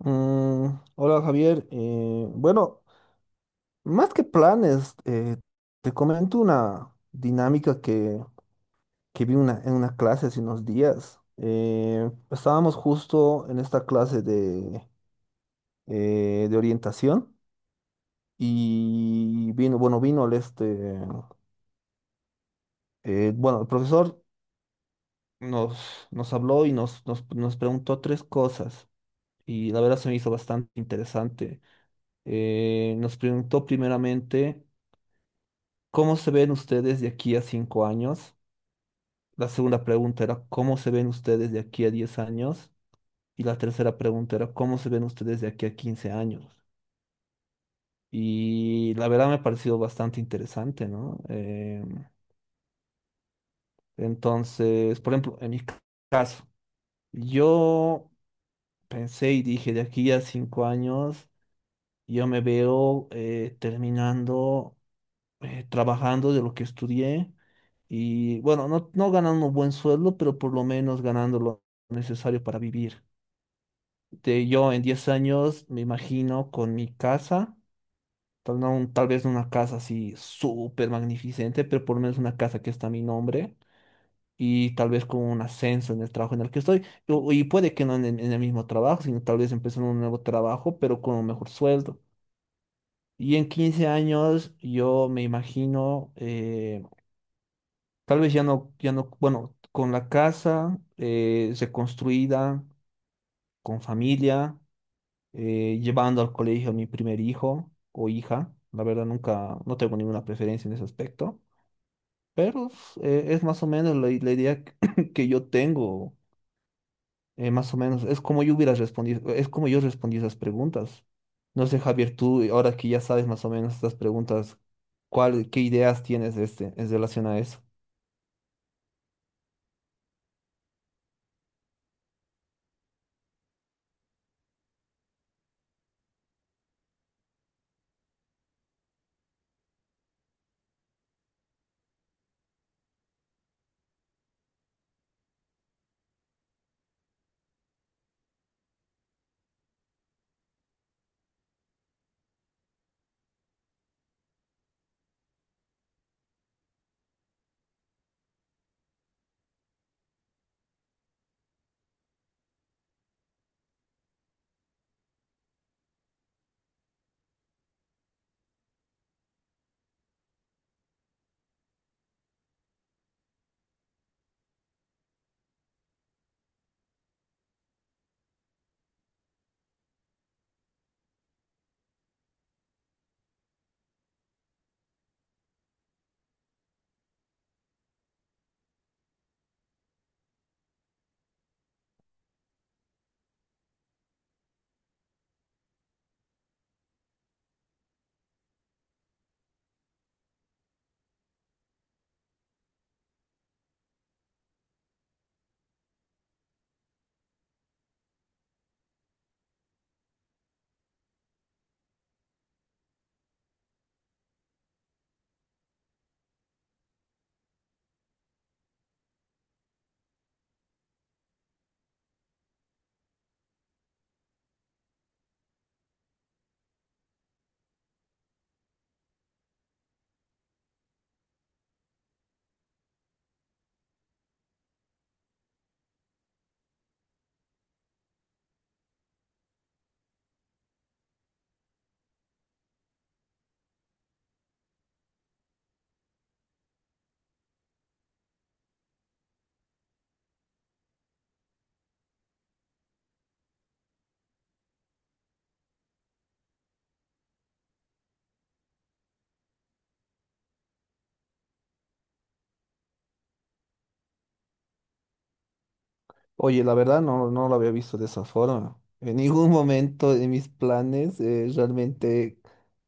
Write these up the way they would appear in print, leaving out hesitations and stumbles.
Mm, Hola, Javier. Bueno, más que planes, te comento una dinámica que vi en una clase hace unos días. Estábamos justo en esta clase de orientación, y vino, bueno, vino bueno, el profesor nos habló y nos preguntó tres cosas, y la verdad se me hizo bastante interesante. Nos preguntó primeramente: ¿Cómo se ven ustedes de aquí a 5 años? La segunda pregunta era: ¿cómo se ven ustedes de aquí a 10 años? Y la tercera pregunta era: ¿cómo se ven ustedes de aquí a 15 años? Y la verdad me ha parecido bastante interesante, ¿no? Entonces, por ejemplo, en mi caso, yo pensé y dije: de aquí a 5 años yo me veo terminando, trabajando de lo que estudié, y bueno, no, no ganando un buen sueldo, pero por lo menos ganando lo necesario para vivir. Yo en 10 años me imagino con mi casa, tal vez no una casa así súper magnificente, pero por lo menos una casa que está a mi nombre. Y tal vez con un ascenso en el trabajo en el que estoy. Y puede que no en el mismo trabajo, sino tal vez empezando un nuevo trabajo, pero con un mejor sueldo. Y en 15 años yo me imagino tal vez ya no, ya no, bueno, con la casa reconstruida, con familia, llevando al colegio a mi primer hijo o hija. La verdad, nunca, no tengo ninguna preferencia en ese aspecto, pero es más o menos la idea que, que yo tengo, más o menos. Es como yo hubiera respondido, es como yo respondí esas preguntas. No sé, Javier, tú, ahora que ya sabes más o menos estas preguntas, qué ideas tienes en relación a eso? Oye, la verdad no, no lo había visto de esa forma. En ningún momento de mis planes realmente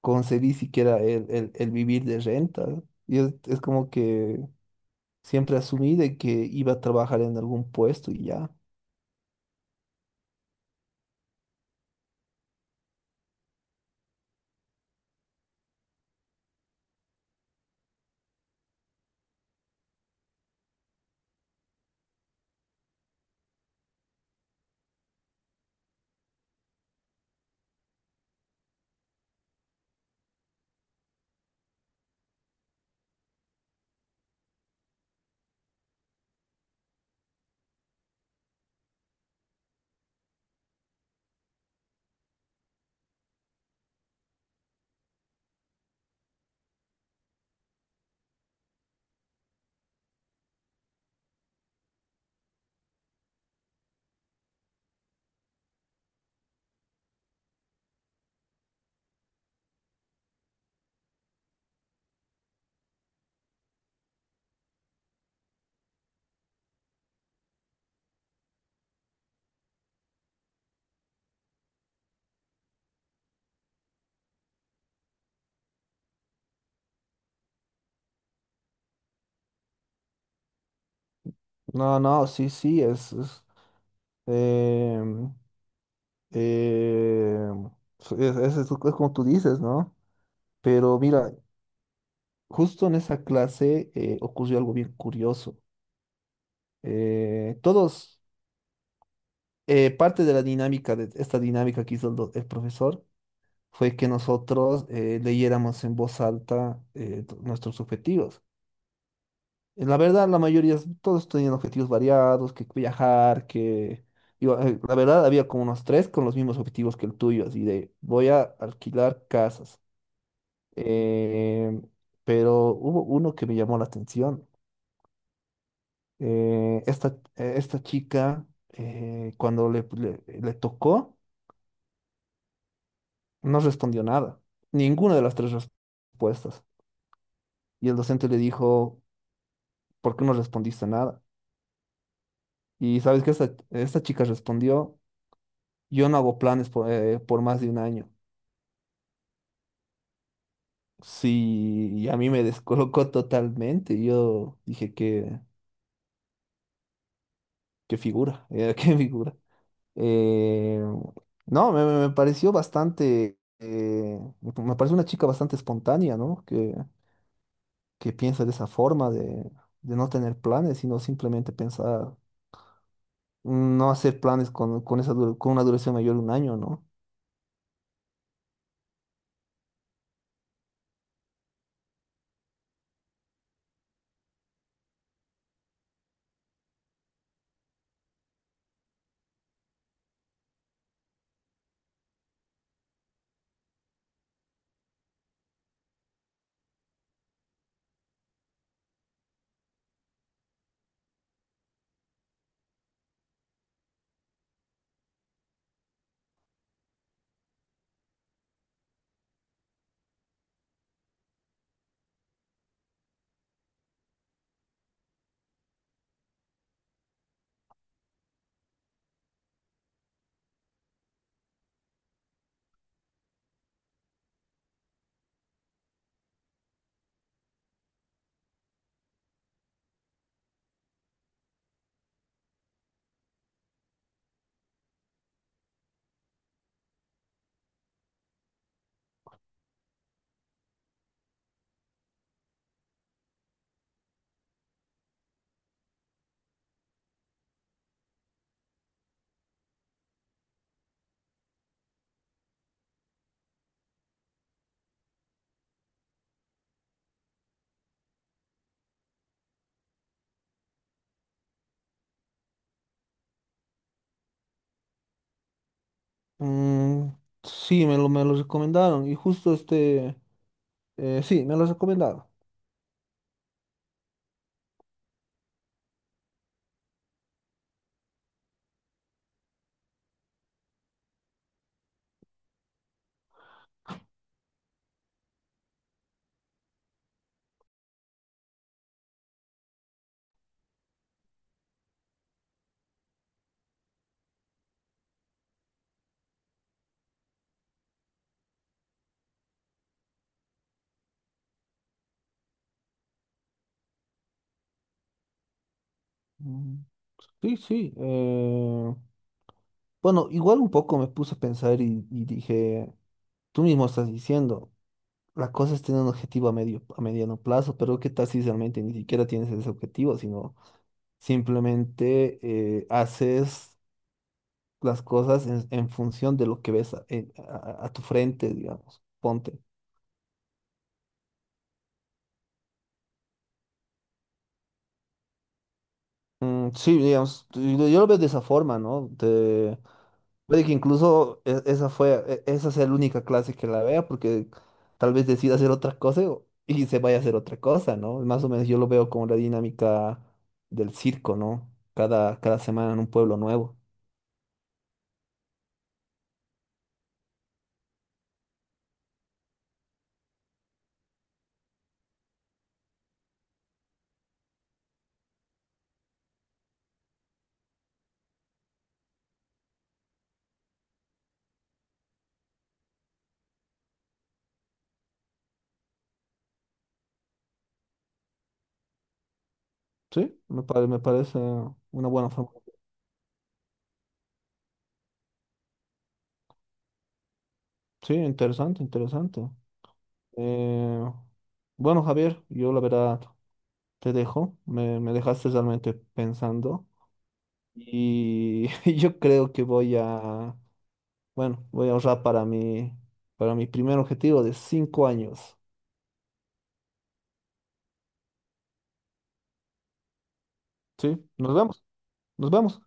concebí siquiera el vivir de renta. Y es como que siempre asumí de que iba a trabajar en algún puesto y ya. No, no, sí, sí, es, em, em, es como tú dices, ¿no? Pero mira, justo en esa clase ocurrió algo bien curioso. Todos Parte de la dinámica, de esta dinámica que hizo el profesor, fue que nosotros leyéramos en voz alta nuestros objetivos. La verdad, la mayoría, todos tenían objetivos variados: que viajar, que... digo, la verdad, había como unos tres con los mismos objetivos que el tuyo, así de, voy a alquilar casas. Eh, pero hubo uno que me llamó la atención. Eh, esta, Esta chica, cuando le tocó, no respondió nada, ninguna de las tres respuestas. Y el docente le dijo: ¿por qué no respondiste nada? Y sabes que esta chica respondió: yo no hago planes por más de un año. Sí, y a mí me descolocó totalmente. Yo dije: qué figura, qué figura. Eh, no, me pareció bastante, me pareció una chica bastante espontánea, ¿no? Que piensa de esa forma de, no tener planes, sino simplemente pensar. No hacer planes con una duración mayor de un año, ¿no? Mm, sí, me lo recomendaron, y justo sí, me lo recomendaron. Mm, sí, sí. Bueno, igual un poco me puse a pensar, y dije: tú mismo estás diciendo, la cosa es tener un objetivo a mediano plazo, pero ¿qué tal si realmente ni siquiera tienes ese objetivo, sino simplemente haces las cosas en función de lo que ves a, en- a- a tu frente, digamos. Ponte. Mm, sí, digamos, yo lo veo de esa forma, ¿no? Puede que incluso esa sea la única clase que la vea, porque tal vez decida hacer otra cosa y se vaya a hacer otra cosa, ¿no? Más o menos yo lo veo como la dinámica del circo, ¿no? Cada semana en un pueblo nuevo. Sí, me parece una buena forma. Sí, interesante, interesante. Eh, bueno, Javier, yo la verdad te dejo. Me- dejaste realmente pensando. Y yo creo que voy a ahorrar para mi primer objetivo de 5 años. ¿Sí? Nos vemos, nos vemos.